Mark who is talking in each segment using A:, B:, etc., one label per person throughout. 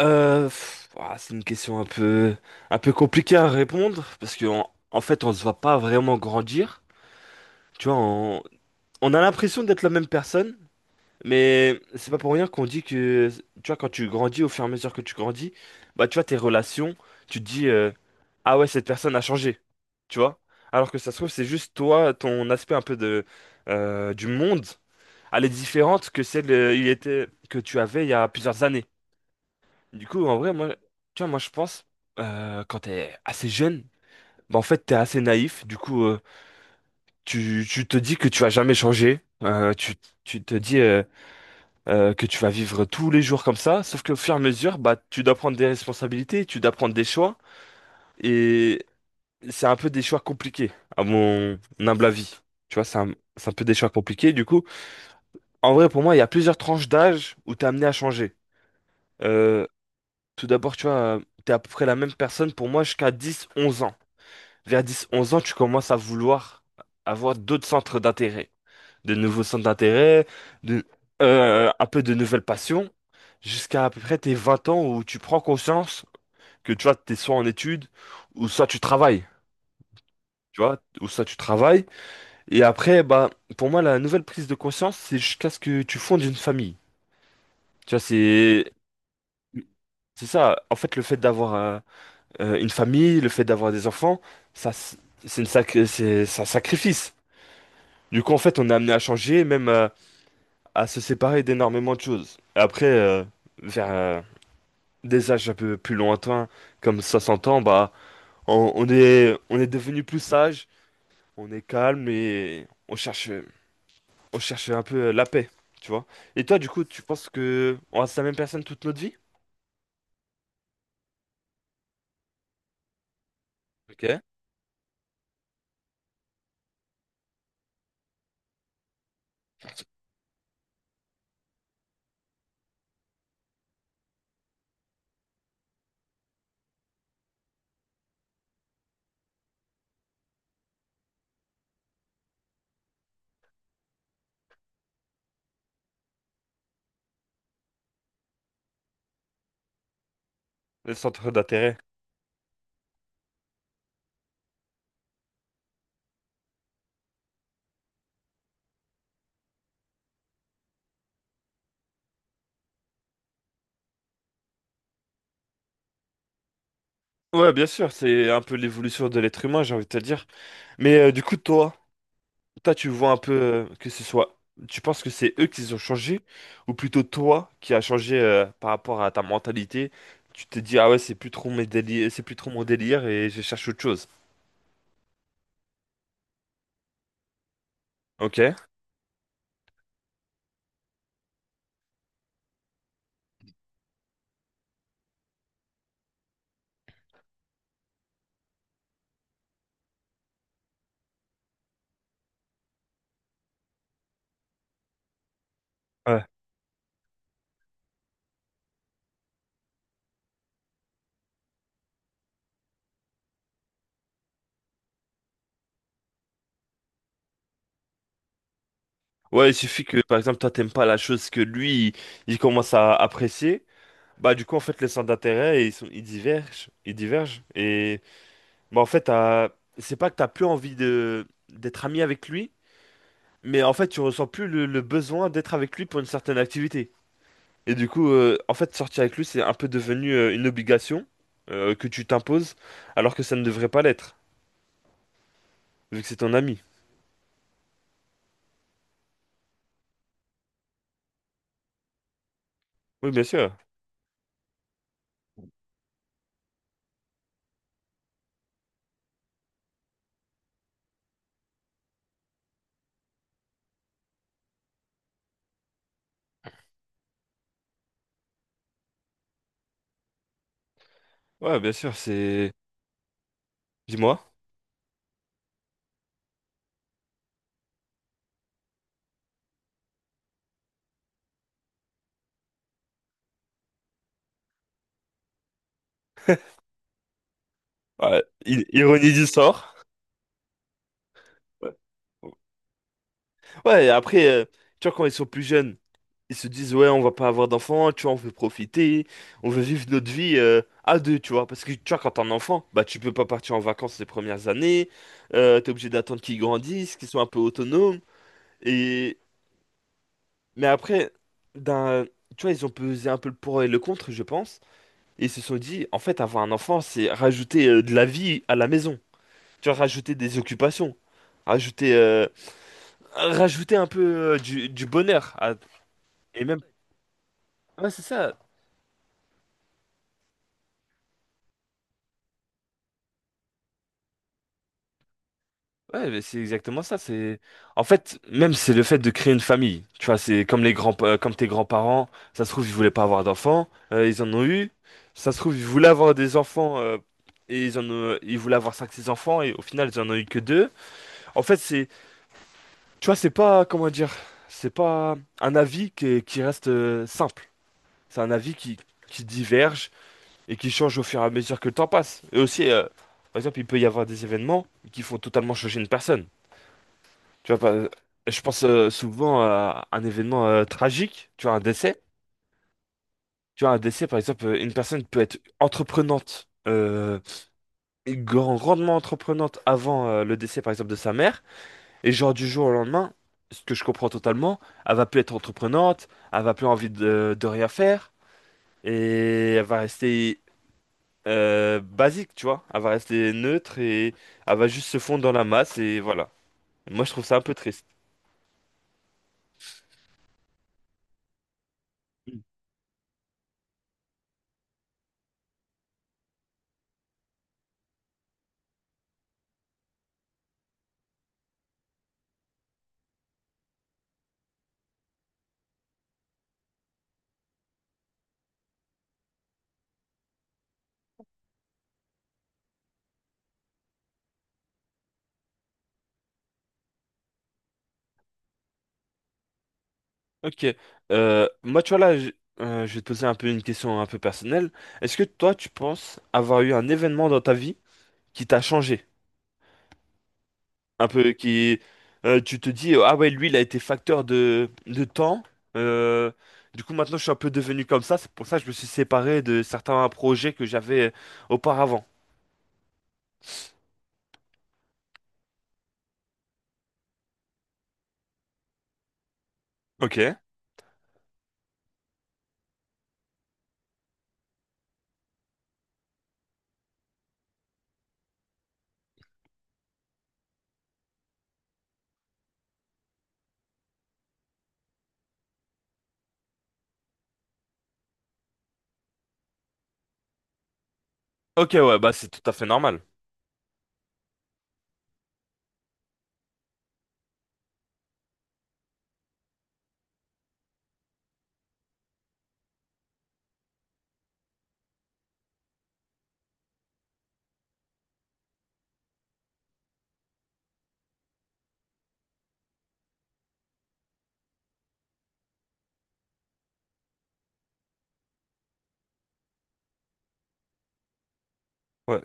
A: Ouah, c'est une question un peu compliquée à répondre parce que en fait, on se voit pas vraiment grandir. Tu vois, on a l'impression d'être la même personne, mais c'est pas pour rien qu'on dit que, tu vois, quand tu grandis, au fur et à mesure que tu grandis, bah, tu vois, tes relations, tu te dis, ah ouais, cette personne a changé, tu vois. Alors que ça se trouve, c'est juste toi, ton aspect un peu du monde, elle est différente que celle que tu avais il y a plusieurs années. Du coup, en vrai, moi, tu vois, moi, je pense, quand t'es assez jeune, bah, en fait, t'es assez naïf. Du coup, tu te dis que tu vas jamais changer. Tu te dis que tu vas vivre tous les jours comme ça. Sauf qu'au fur et à mesure, bah, tu dois prendre des responsabilités, tu dois prendre des choix. Et c'est un peu des choix compliqués, à mon humble avis. Tu vois, c'est un peu des choix compliqués. Du coup, en vrai, pour moi, il y a plusieurs tranches d'âge où t'es amené à changer. Euh, Tout d'abord, tu vois, t'es à peu près la même personne pour moi jusqu'à 10, 11 ans. Vers 10-11 ans, tu commences à vouloir avoir d'autres centres d'intérêt, de nouveaux centres d'intérêt, de, un peu de nouvelles passions, jusqu'à à peu près tes 20 ans où tu prends conscience que tu vois, t'es soit en études, ou soit tu travailles, tu vois, ou soit tu travailles. Et après, bah, pour moi, la nouvelle prise de conscience, c'est jusqu'à ce que tu fondes une famille. Tu vois, c'est... C'est ça, en fait, le fait d'avoir une famille, le fait d'avoir des enfants, ça, c'est une sacré, c'est un sacrifice. Du coup, en fait, on est amené à changer, même à se séparer d'énormément de choses. Après, vers des âges un peu plus lointains, comme 60 ans, bah, on est devenu plus sage, on est calme et on cherche un peu la paix, tu vois. Et toi, du coup, tu penses que on reste la même personne toute notre vie? Ok. Le centre d'intérêt. Ouais, bien sûr, c'est un peu l'évolution de l'être humain, j'ai envie de te dire. Mais du coup, toi, tu vois un peu que ce soit. Tu penses que c'est eux qui ont changé, ou plutôt toi qui as changé par rapport à ta mentalité? Tu te dis, ah ouais, c'est plus trop mon délire et je cherche autre chose. Ok? Ouais. Ouais, il suffit que, par exemple, toi, t'aimes pas la chose que lui, il commence à apprécier. Bah, du coup, en fait, les centres d'intérêt, ils divergent. Ils divergent. Et, bah, en fait, c'est pas que t'as plus envie d'être ami avec lui, mais en fait, tu ressens plus le besoin d'être avec lui pour une certaine activité. Et du coup, en fait, sortir avec lui, c'est un peu devenu une obligation que tu t'imposes, alors que ça ne devrait pas l'être, vu que c'est ton ami. Oui, bien sûr. Ouais, bien sûr, c'est... Dis-moi. Ouais, ironie du sort. Ouais, ouais, et après, tu vois, quand ils sont plus jeunes, ils se disent, ouais, on va pas avoir d'enfants, tu vois, on veut profiter, on veut vivre notre vie à deux, tu vois. Parce que, tu vois, quand t'es un enfant, bah, tu peux pas partir en vacances les premières années, t'es obligé d'attendre qu'ils grandissent, qu'ils soient un peu autonomes. Et, Mais après, d'un, tu vois, ils ont pesé un peu le pour et le contre, je pense. Et ils se sont dit, en fait, avoir un enfant, c'est rajouter de la vie à la maison. Tu vois, rajouter des occupations. Rajouter, euh, Rajouter un peu du bonheur. Et même, ouais, c'est ça. Ouais, mais c'est exactement ça. C'est le fait de créer une famille. Tu vois, c'est comme tes grands-parents. Ça se trouve ils voulaient pas avoir d'enfants, ils en ont eu. Ça se trouve ils voulaient avoir des enfants, et ils en ont, ils voulaient avoir cinq, six enfants et au final ils en ont eu que deux. En fait c'est, tu vois, c'est pas comment dire, c'est pas un avis qui reste simple. C'est un avis qui diverge et qui change au fur et à mesure que le temps passe. Et aussi, par exemple, il peut y avoir des événements qui font totalement changer une personne. Tu vois, je pense souvent à un événement tragique, tu vois, un décès. Tu vois, un décès, par exemple, une personne peut être entreprenante, et grandement entreprenante avant le décès, par exemple, de sa mère. Et genre, du jour au lendemain, ce que je comprends totalement, elle va plus être entreprenante, elle va plus envie de rien faire. Et elle va rester basique, tu vois. Elle va rester neutre et elle va juste se fondre dans la masse. Et voilà. Moi, je trouve ça un peu triste. Ok. Moi, tu vois, là, je vais te poser un peu une question un peu personnelle. Est-ce que toi, tu penses avoir eu un événement dans ta vie qui t'a changé? Un peu, qui, Tu te dis, ah ouais, lui, il a été facteur de temps. Euh, du coup, maintenant, je suis un peu devenu comme ça. C'est pour ça que je me suis séparé de certains projets que j'avais auparavant. Ok. Ok, ouais, bah, c'est tout à fait normal. Ouais.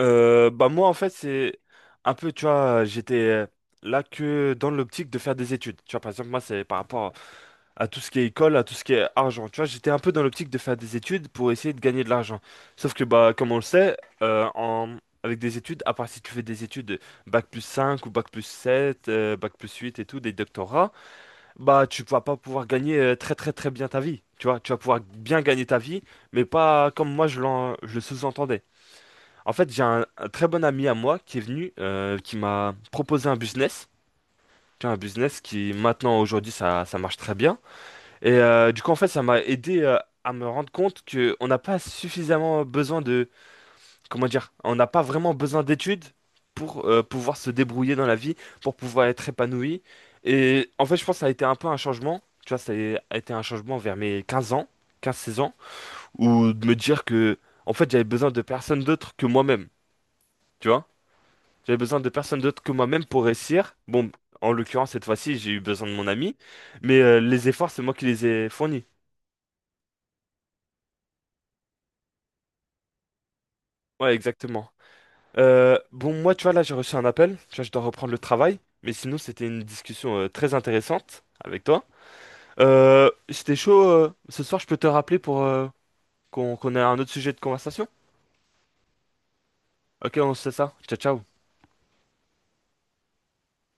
A: Bah, moi, en fait, c'est un peu, tu vois, j'étais là que dans l'optique de faire des études. Tu vois, par exemple, moi, c'est par rapport à tout ce qui est école, à tout ce qui est argent. Tu vois, j'étais un peu dans l'optique de faire des études pour essayer de gagner de l'argent. Sauf que, bah, comme on le sait, en avec des études, à part si tu fais des études bac plus 5 ou bac plus 7 bac plus 8 et tout, des doctorats, bah, tu vas pas pouvoir gagner très très très bien ta vie. Tu vois, tu vas pouvoir bien gagner ta vie, mais pas comme moi je le sous-entendais. En fait, j'ai un très bon ami à moi qui est venu, qui m'a proposé un business. Tu vois, un business qui, maintenant, aujourd'hui, ça marche très bien. Et du coup, en fait, ça m'a aidé à me rendre compte que on n'a pas suffisamment besoin de... Comment dire? On n'a pas vraiment besoin d'études pour pouvoir se débrouiller dans la vie, pour pouvoir être épanoui. Et en fait, je pense que ça a été un peu un changement. Tu vois, ça a été un changement vers mes 15 ans, 15, 16 ans, où de me dire que, en fait, j'avais besoin de personne d'autre que moi-même. Tu vois, j'avais besoin de personne d'autre que moi-même pour réussir. Bon, en l'occurrence, cette fois-ci, j'ai eu besoin de mon ami, mais les efforts, c'est moi qui les ai fournis. Ouais, exactement. Bon, moi, tu vois, là, j'ai reçu un appel. Tu vois, je dois reprendre le travail. Mais sinon, c'était une discussion très intéressante avec toi. C'était chaud. Ce soir, je peux te rappeler pour qu'on ait un autre sujet de conversation? Ok, on se fait ça. Ciao, ciao.